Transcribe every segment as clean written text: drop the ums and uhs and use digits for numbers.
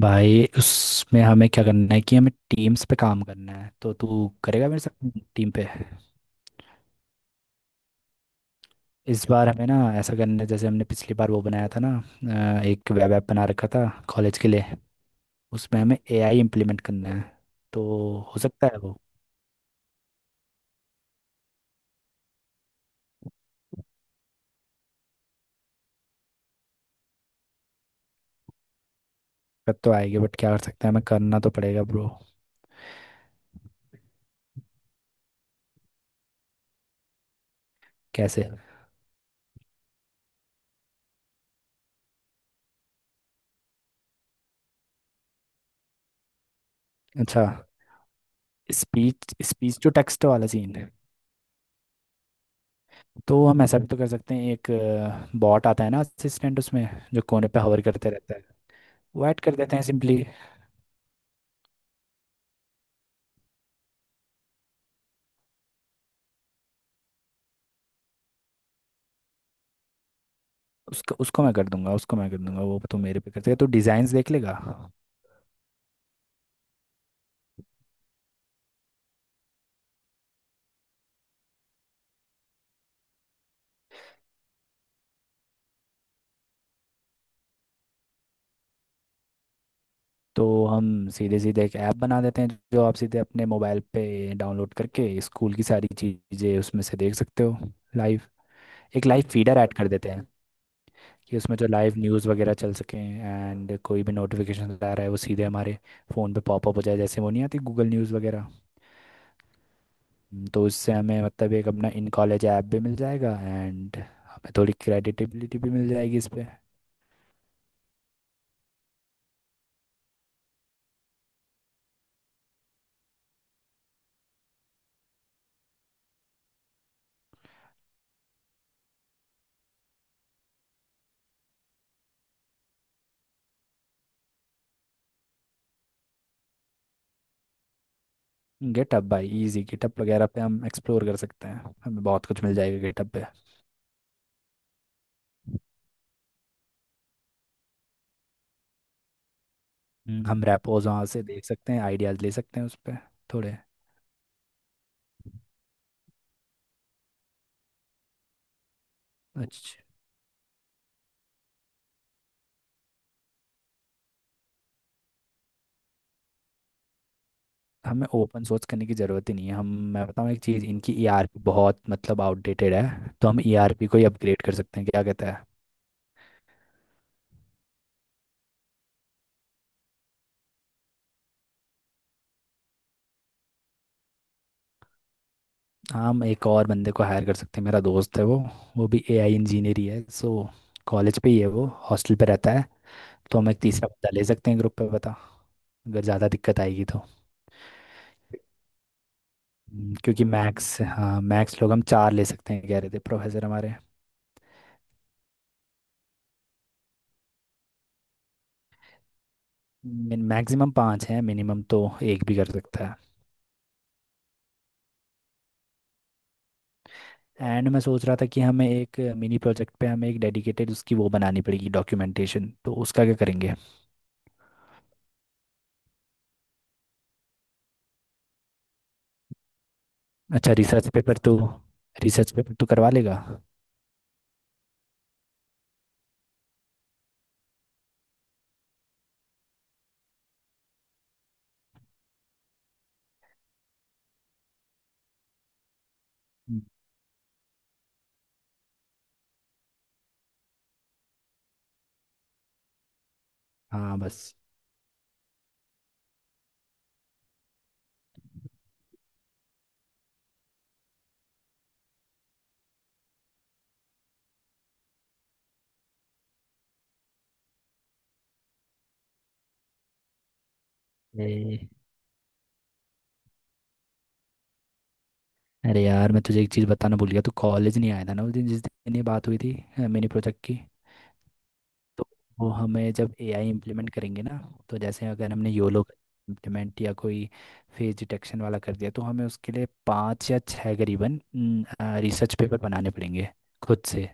भाई, उसमें हमें क्या करना है कि हमें टीम्स पे काम करना है। तो तू करेगा मेरे साथ टीम पे? इस बार हमें ना ऐसा करना है जैसे हमने पिछली बार वो बनाया था ना, एक वेब ऐप बना रखा था कॉलेज के लिए। उसमें हमें एआई इम्प्लीमेंट करना है। तो हो सकता है वो। दिक्कत तो आएगी बट क्या कर सकते हैं, हमें करना तो पड़ेगा ब्रो। कैसे? अच्छा। स्पीच स्पीच टू टेक्स्ट वाला सीन है। तो हम ऐसा भी तो कर सकते हैं, एक बॉट आता है ना असिस्टेंट उसमें, जो कोने पे हवर करते रहता है, वो ऐड कर देते हैं सिंपली। उसको उसको मैं कर दूंगा, उसको मैं कर दूंगा। वो तो मेरे पे कर देगा, तो डिज़ाइंस देख लेगा। तो हम सीधे सीधे एक ऐप बना देते हैं जो आप सीधे अपने मोबाइल पे डाउनलोड करके स्कूल की सारी चीज़ें उसमें से देख सकते हो लाइव। एक लाइव फीडर ऐड कर देते हैं कि उसमें जो लाइव न्यूज़ वगैरह चल सकें एंड कोई भी नोटिफिकेशन आ रहा है वो सीधे हमारे फ़ोन पे पॉपअप हो जाए, जैसे वो नहीं आती गूगल न्यूज़ वगैरह। तो इससे हमें मतलब एक अपना इन कॉलेज ऐप भी मिल जाएगा एंड हमें थोड़ी क्रेडिटेबिलिटी भी मिल जाएगी इस पे। गिटहब भाई, इजी, गिटहब वगैरह पे हम एक्सप्लोर कर सकते हैं, हमें बहुत कुछ मिल जाएगा गिटहब पे। हम रेपोज वहाँ से देख सकते हैं, आइडियाज़ ले सकते हैं उस पर थोड़े अच्छे। हमें ओपन सोर्स करने की ज़रूरत ही नहीं है। हम मैं बताऊँ एक चीज़, इनकी ईआरपी बहुत मतलब आउटडेटेड है। तो हम ईआरपी को ही अपग्रेड कर सकते हैं, क्या कहते हैं? हम एक और बंदे को हायर कर सकते हैं, मेरा दोस्त है वो भी एआई इंजीनियर ही है। सो कॉलेज पे ही है वो, हॉस्टल पे रहता है। तो हम एक तीसरा बंदा ले सकते हैं ग्रुप पे, बता, अगर ज़्यादा दिक्कत आएगी तो। क्योंकि मैक्स, हाँ मैक्स लोग हम चार ले सकते हैं कह रहे थे प्रोफेसर हमारे। मैक्सिमम पाँच हैं, मिनिमम तो एक भी कर सकता है। एंड मैं सोच रहा था कि हमें एक मिनी प्रोजेक्ट पे हमें एक डेडिकेटेड उसकी वो बनानी पड़ेगी डॉक्यूमेंटेशन, तो उसका क्या करेंगे? अच्छा। रिसर्च पेपर तो करवा लेगा। हम्म, हाँ बस। ए, अरे यार, मैं तुझे एक चीज़ बताना भूल गया, तू कॉलेज नहीं आया था ना उस दिन जिस दिन ये बात हुई थी, मिनी प्रोजेक्ट की। तो वो, हमें जब एआई इम्प्लीमेंट करेंगे ना, तो जैसे अगर हमने योलो इम्प्लीमेंट या कोई फेस डिटेक्शन वाला कर दिया, तो हमें उसके लिए पाँच या छः करीबन रिसर्च पेपर बनाने पड़ेंगे खुद से।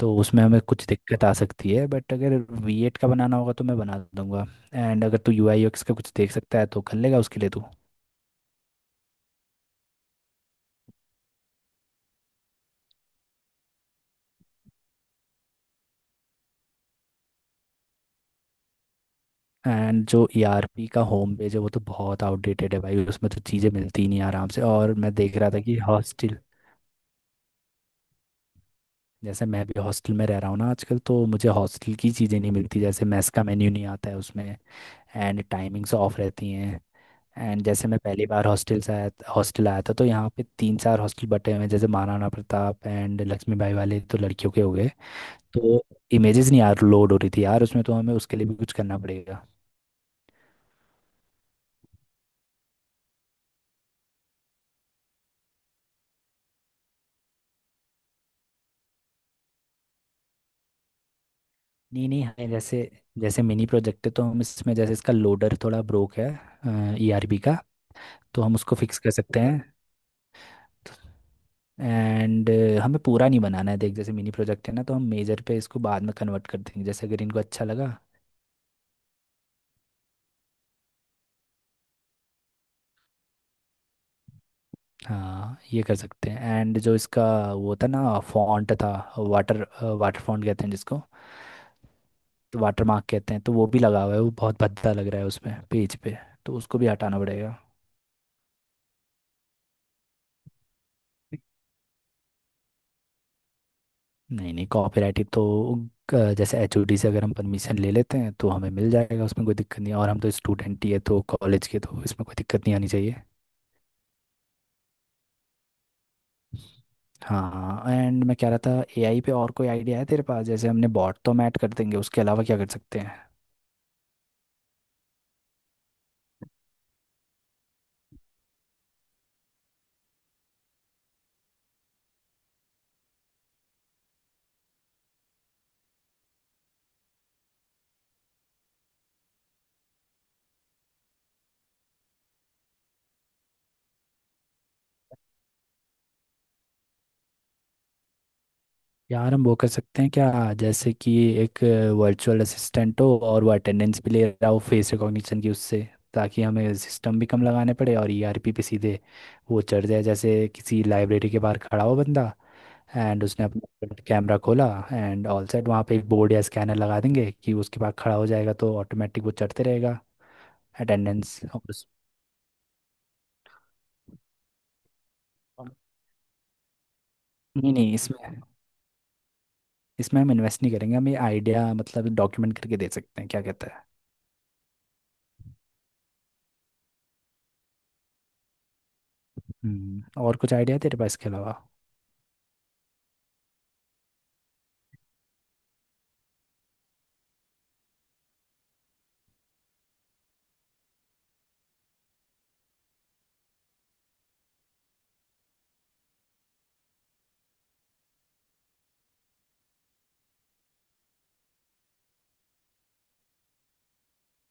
तो उसमें हमें कुछ दिक्कत आ सकती है, बट अगर वीएट का बनाना होगा तो मैं बना दूंगा। एंड अगर तू यूआई यूएक्स का कुछ देख सकता है तो कर लेगा उसके लिए तू। एंड जो ईआरपी का होम पेज है वो तो बहुत आउटडेटेड है भाई, उसमें तो चीज़ें मिलती ही नहीं आराम से। और मैं देख रहा था कि हॉस्टल जैसे मैं भी हॉस्टल में रह रहा हूँ ना आजकल, तो मुझे हॉस्टल की चीज़ें नहीं मिलती, जैसे मेस का मेन्यू नहीं आता है उसमें एंड टाइमिंग्स ऑफ रहती हैं। एंड जैसे मैं पहली बार हॉस्टल से आया हॉस्टल आया था तो यहाँ पे तीन चार हॉस्टल बटे हुए हैं, जैसे महाराणा प्रताप एंड लक्ष्मीबाई वाले तो लड़कियों के हो गए। तो इमेजेस नहीं यार लोड हो रही थी यार उसमें, तो हमें उसके लिए भी कुछ करना पड़ेगा। नहीं नहीं, हमें जैसे जैसे मिनी प्रोजेक्ट है, तो हम इसमें जैसे इसका लोडर थोड़ा ब्रोक है ई आर बी का, तो हम उसको फिक्स कर सकते हैं। एंड हमें पूरा नहीं बनाना है, देख जैसे मिनी प्रोजेक्ट है ना, तो हम मेजर पे इसको बाद में कन्वर्ट कर देंगे जैसे अगर इनको अच्छा लगा। हाँ, ये कर सकते हैं। एंड जो इसका वो था ना, फॉन्ट था, वाटर वाटर फॉन्ट कहते हैं जिसको, तो वाटर मार्क कहते हैं, तो वो भी लगा हुआ है, वो बहुत भद्दा लग रहा है उसमें पेज पे, तो उसको भी हटाना पड़ेगा। नहीं नहीं, कॉपीराइट तो जैसे एचओडी से अगर हम परमिशन ले लेते हैं तो हमें मिल जाएगा, उसमें कोई दिक्कत नहीं है। और हम तो स्टूडेंट ही है तो कॉलेज के, तो इसमें कोई दिक्कत नहीं आनी चाहिए। हाँ। एंड मैं कह रहा था, एआई पे और कोई आइडिया है तेरे पास? जैसे हमने बॉट तो मैट कर देंगे, उसके अलावा क्या कर सकते हैं? यार हम वो कर सकते हैं क्या, जैसे कि एक वर्चुअल असिस्टेंट हो और वो अटेंडेंस भी ले रहा हो फेस रिकॉग्निशन की उससे, ताकि हमें सिस्टम भी कम लगाने पड़े और ईआरपी पे सीधे वो चढ़ जाए, जैसे किसी लाइब्रेरी के बाहर खड़ा हो बंदा, एंड उसने अपना कैमरा खोला एंड ऑल सेट। वहाँ पे एक बोर्ड या स्कैनर लगा देंगे कि उसके पास खड़ा हो जाएगा तो ऑटोमेटिक वो चढ़ते रहेगा। अटेंडेंस और उस- नहीं नहीं, इसमें इसमें हम इन्वेस्ट नहीं करेंगे, हम ये आइडिया मतलब डॉक्यूमेंट करके दे सकते हैं, क्या कहता है? और कुछ आइडिया है तेरे पास इसके अलावा?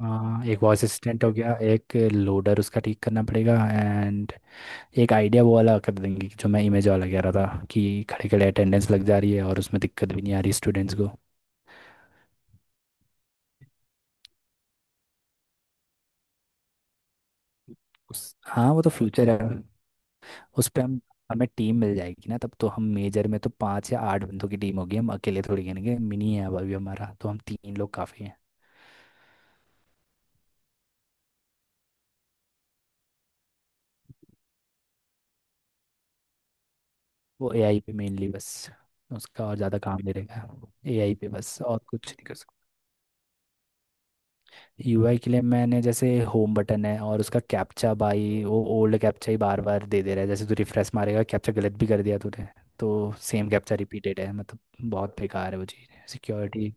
एक वॉइस असिस्टेंट हो गया, एक लोडर उसका ठीक करना पड़ेगा, एंड एक आइडिया वो वाला कर देंगे जो मैं इमेज वाला कह रहा था कि खड़े खड़े अटेंडेंस लग जा रही है और उसमें दिक्कत भी नहीं आ रही स्टूडेंट्स को। उस हाँ, वो तो फ्यूचर है। उस पर हम हमें टीम मिल जाएगी ना तब तो, हम मेजर में तो पाँच या आठ बंदों की टीम होगी, हम अकेले थोड़ी गिनेंगे, मिनी है अब अभी हमारा, तो हम तीन लोग काफ़ी हैं। वो एआई पे मेनली बस, उसका और ज़्यादा काम दे देगा। एआई पे बस, और कुछ नहीं कर सकते। यूआई के लिए मैंने जैसे होम बटन है और उसका कैप्चा भाई, वो ओल्ड कैप्चा ही बार बार दे दे रहा है, जैसे तू रिफ्रेश मारेगा, कैप्चा गलत भी कर दिया तूने, तो सेम कैप्चा रिपीटेड है, मतलब बहुत बेकार है वो चीज़ security.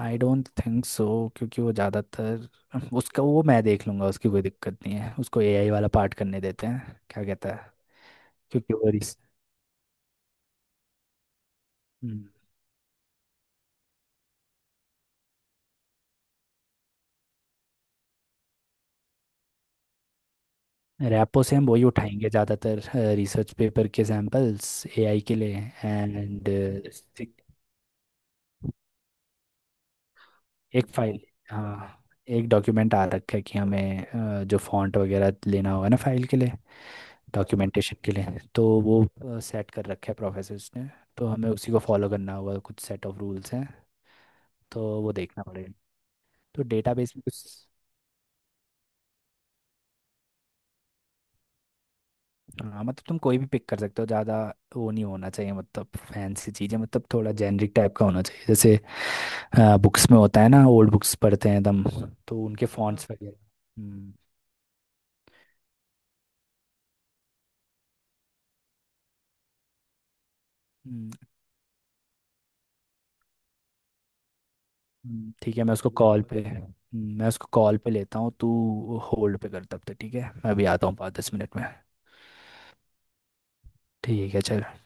I don't think so, क्योंकि वो ज़्यादातर उसका वो मैं देख लूँगा, उसकी कोई दिक्कत नहीं है, उसको एआई वाला पार्ट करने देते हैं, क्या कहता है? क्योंकि वो रिस हम्म। रैपो से हम वही उठाएंगे ज़्यादातर, रिसर्च पेपर के सैम्पल्स एआई के लिए। एंड एक फाइल हाँ, एक डॉक्यूमेंट आ रखा है कि हमें जो फॉन्ट वगैरह लेना होगा ना फाइल के लिए, डॉक्यूमेंटेशन के लिए, तो वो सेट कर रखा है प्रोफेसर्स ने। तो हमें उसी को फॉलो करना होगा, कुछ सेट ऑफ रूल्स हैं, तो वो देखना पड़ेगा। तो डेटाबेस में कुछ, हाँ मतलब तुम कोई भी पिक कर सकते हो, ज़्यादा वो नहीं होना चाहिए मतलब फैंसी चीज़ें, मतलब थोड़ा जेनरिक टाइप का होना चाहिए, जैसे बुक्स में होता है ना, ओल्ड बुक्स पढ़ते हैं एकदम, तो उनके हाँ फॉन्ट्स वगैरह। हम्म, हम्म, ठीक है, मैं उसको कॉल बिल्कुल पे, मैं उसको कॉल पे लेता हूँ, तू होल्ड पे कर तब तक। ठीक है, मैं अभी आता हूँ 5-10 मिनट में। ठीक है चल।